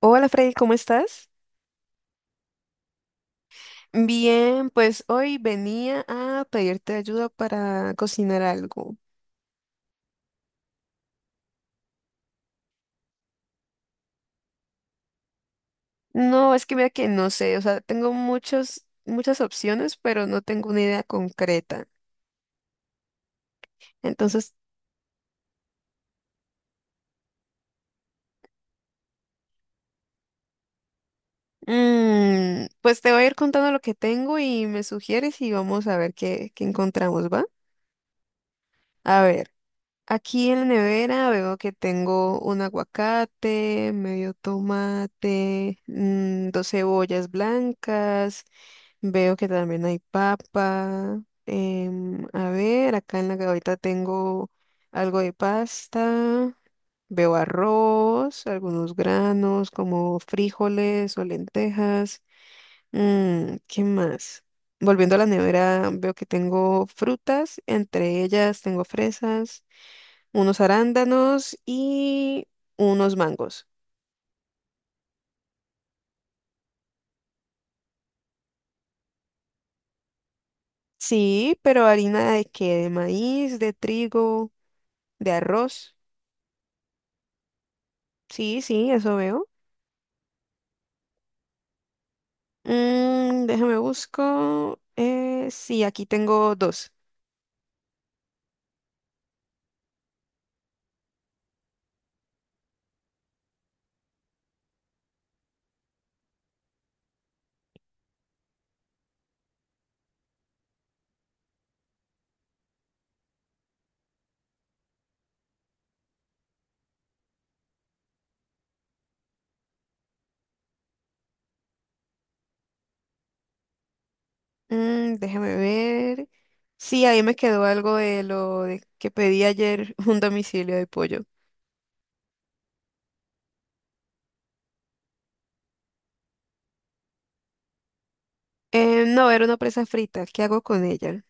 Hola Freddy, ¿cómo estás? Bien, pues hoy venía a pedirte ayuda para cocinar algo. No, es que mira que no sé, o sea, tengo muchas opciones, pero no tengo una idea concreta. Entonces, pues te voy a ir contando lo que tengo y me sugieres y vamos a ver qué encontramos, ¿va? A ver, aquí en la nevera veo que tengo un aguacate, medio tomate, dos cebollas blancas. Veo que también hay papa. A ver, acá en la gaveta tengo algo de pasta. Veo arroz, algunos granos como frijoles o lentejas. ¿Qué más? Volviendo a la nevera, veo que tengo frutas. Entre ellas tengo fresas, unos arándanos y unos mangos. Sí, pero ¿harina de qué? ¿De maíz, de trigo, de arroz? Sí, sí, eso veo. Déjame busco. Sí, aquí tengo dos. Déjame ver. Sí, ahí me quedó algo de lo de que pedí ayer, un domicilio de pollo. No, era una presa frita. ¿Qué hago con ella?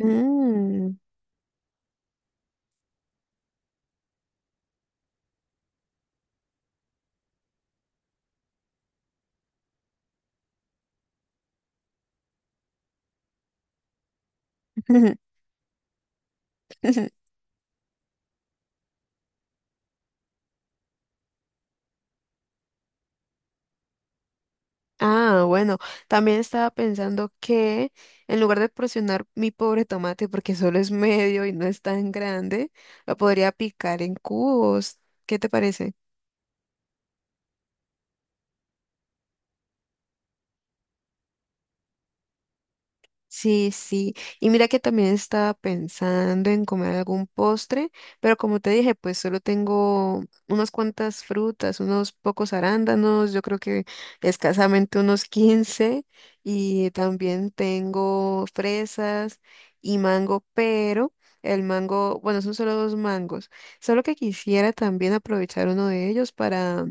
Mm. Ah, bueno, también estaba pensando que en lugar de porcionar mi pobre tomate, porque solo es medio y no es tan grande, lo podría picar en cubos. ¿Qué te parece? Sí, sí. Y mira que también estaba pensando en comer algún postre, pero como te dije, pues solo tengo unas cuantas frutas, unos pocos arándanos, yo creo que escasamente unos 15, y también tengo fresas y mango, pero el mango, bueno, son solo dos mangos, solo que quisiera también aprovechar uno de ellos para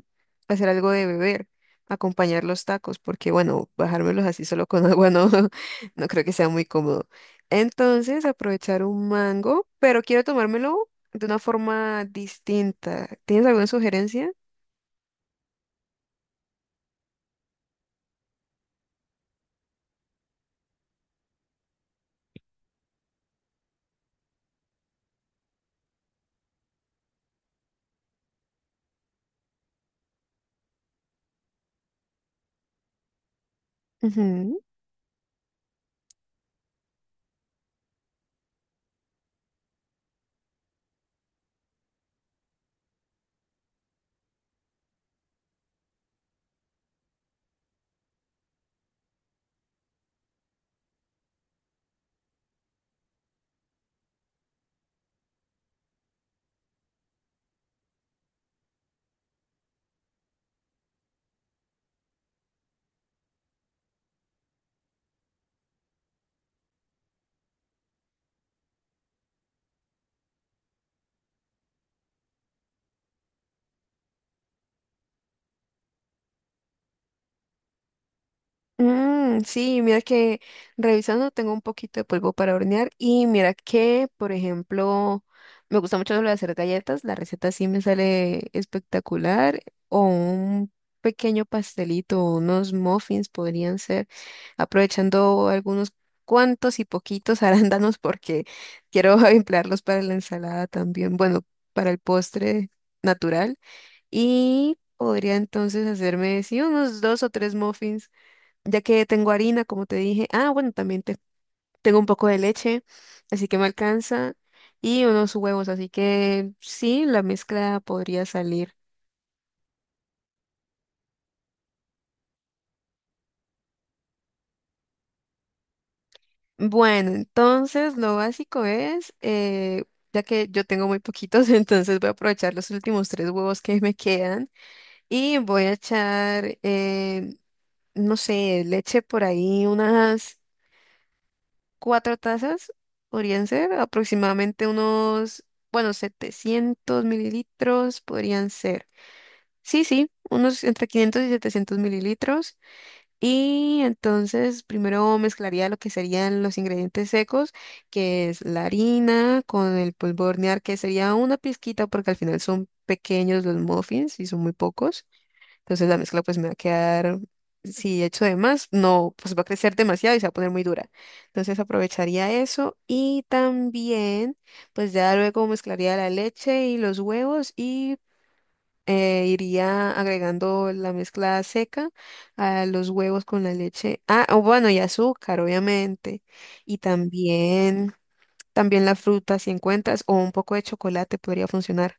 hacer algo de beber, acompañar los tacos, porque bueno, bajármelos así solo con agua no. No creo que sea muy cómodo. Entonces, aprovechar un mango, pero quiero tomármelo de una forma distinta. ¿Tienes alguna sugerencia? Sí, mira que revisando tengo un poquito de polvo para hornear y mira que, por ejemplo, me gusta mucho lo de hacer galletas, la receta sí me sale espectacular o un pequeño pastelito, unos muffins podrían ser, aprovechando algunos cuantos y poquitos arándanos porque quiero emplearlos para la ensalada también, bueno, para el postre natural y podría entonces hacerme, sí, unos dos o tres muffins ya que tengo harina, como te dije. Ah, bueno, tengo un poco de leche, así que me alcanza. Y unos huevos, así que sí, la mezcla podría salir. Bueno, entonces lo básico es, ya que yo tengo muy poquitos, entonces voy a aprovechar los últimos tres huevos que me quedan y voy a echar, no sé, leche por ahí, unas 4 tazas podrían ser aproximadamente unos, bueno, 700 ml podrían ser. Sí, sí, unos entre 500 y 700 ml. Y entonces primero mezclaría lo que serían los ingredientes secos, que es la harina con el polvo de hornear, que sería una pizquita porque al final son pequeños los muffins y son muy pocos. Entonces la mezcla pues me va a quedar, si echo de más, no, pues va a crecer demasiado y se va a poner muy dura. Entonces aprovecharía eso y también pues ya luego mezclaría la leche y los huevos y iría agregando la mezcla seca a los huevos con la leche. Ah, o bueno, y azúcar, obviamente. Y también la fruta si encuentras o un poco de chocolate podría funcionar.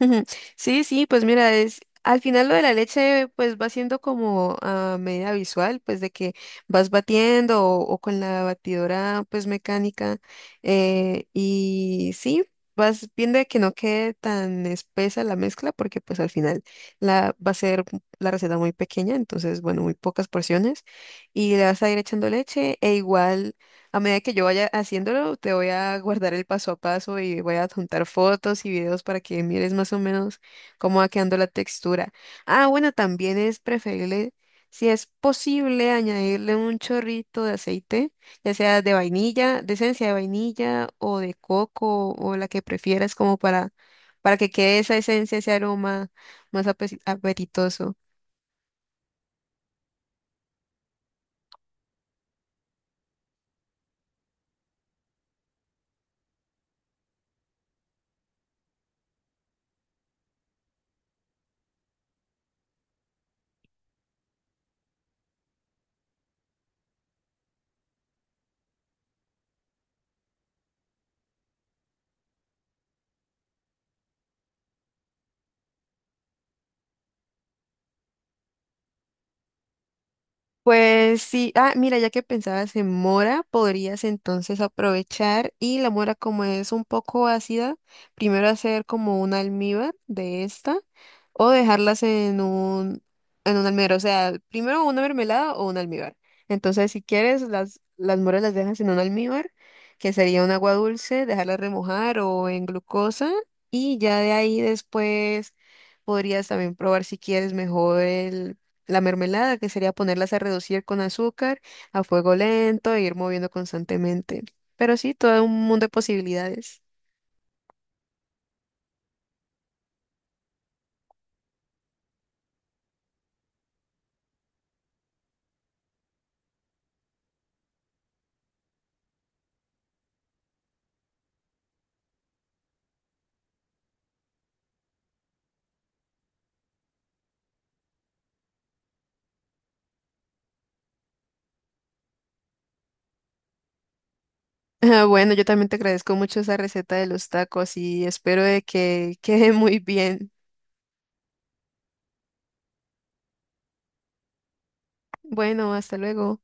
Ujú. Sí, sí, pues mira, es al final lo de la leche pues va siendo como a medida visual, pues de que vas batiendo o con la batidora pues mecánica y sí, vas viendo de que no quede tan espesa la mezcla porque pues al final la va a ser la receta muy pequeña, entonces bueno, muy pocas porciones y le vas a ir echando leche e igual a medida que yo vaya haciéndolo, te voy a guardar el paso a paso y voy a adjuntar fotos y videos para que mires más o menos cómo va quedando la textura. Ah, bueno, también es preferible, si es posible, añadirle un chorrito de aceite, ya sea de vainilla, de esencia de vainilla o de coco o la que prefieras, como para que quede esa esencia, ese aroma más apetitoso. Pues sí, ah, mira, ya que pensabas en mora, podrías entonces aprovechar y la mora como es un poco ácida, primero hacer como un almíbar de esta o dejarlas en un almíbar, o sea, primero una mermelada o un almíbar. Entonces, si quieres, las moras las dejas en un almíbar, que sería un agua dulce, dejarlas remojar o en glucosa y ya de ahí después podrías también probar si quieres mejor el la mermelada, que sería ponerlas a reducir con azúcar a fuego lento e ir moviendo constantemente. Pero sí, todo un mundo de posibilidades. Ah, bueno, yo también te agradezco mucho esa receta de los tacos y espero de que quede muy bien. Bueno, hasta luego.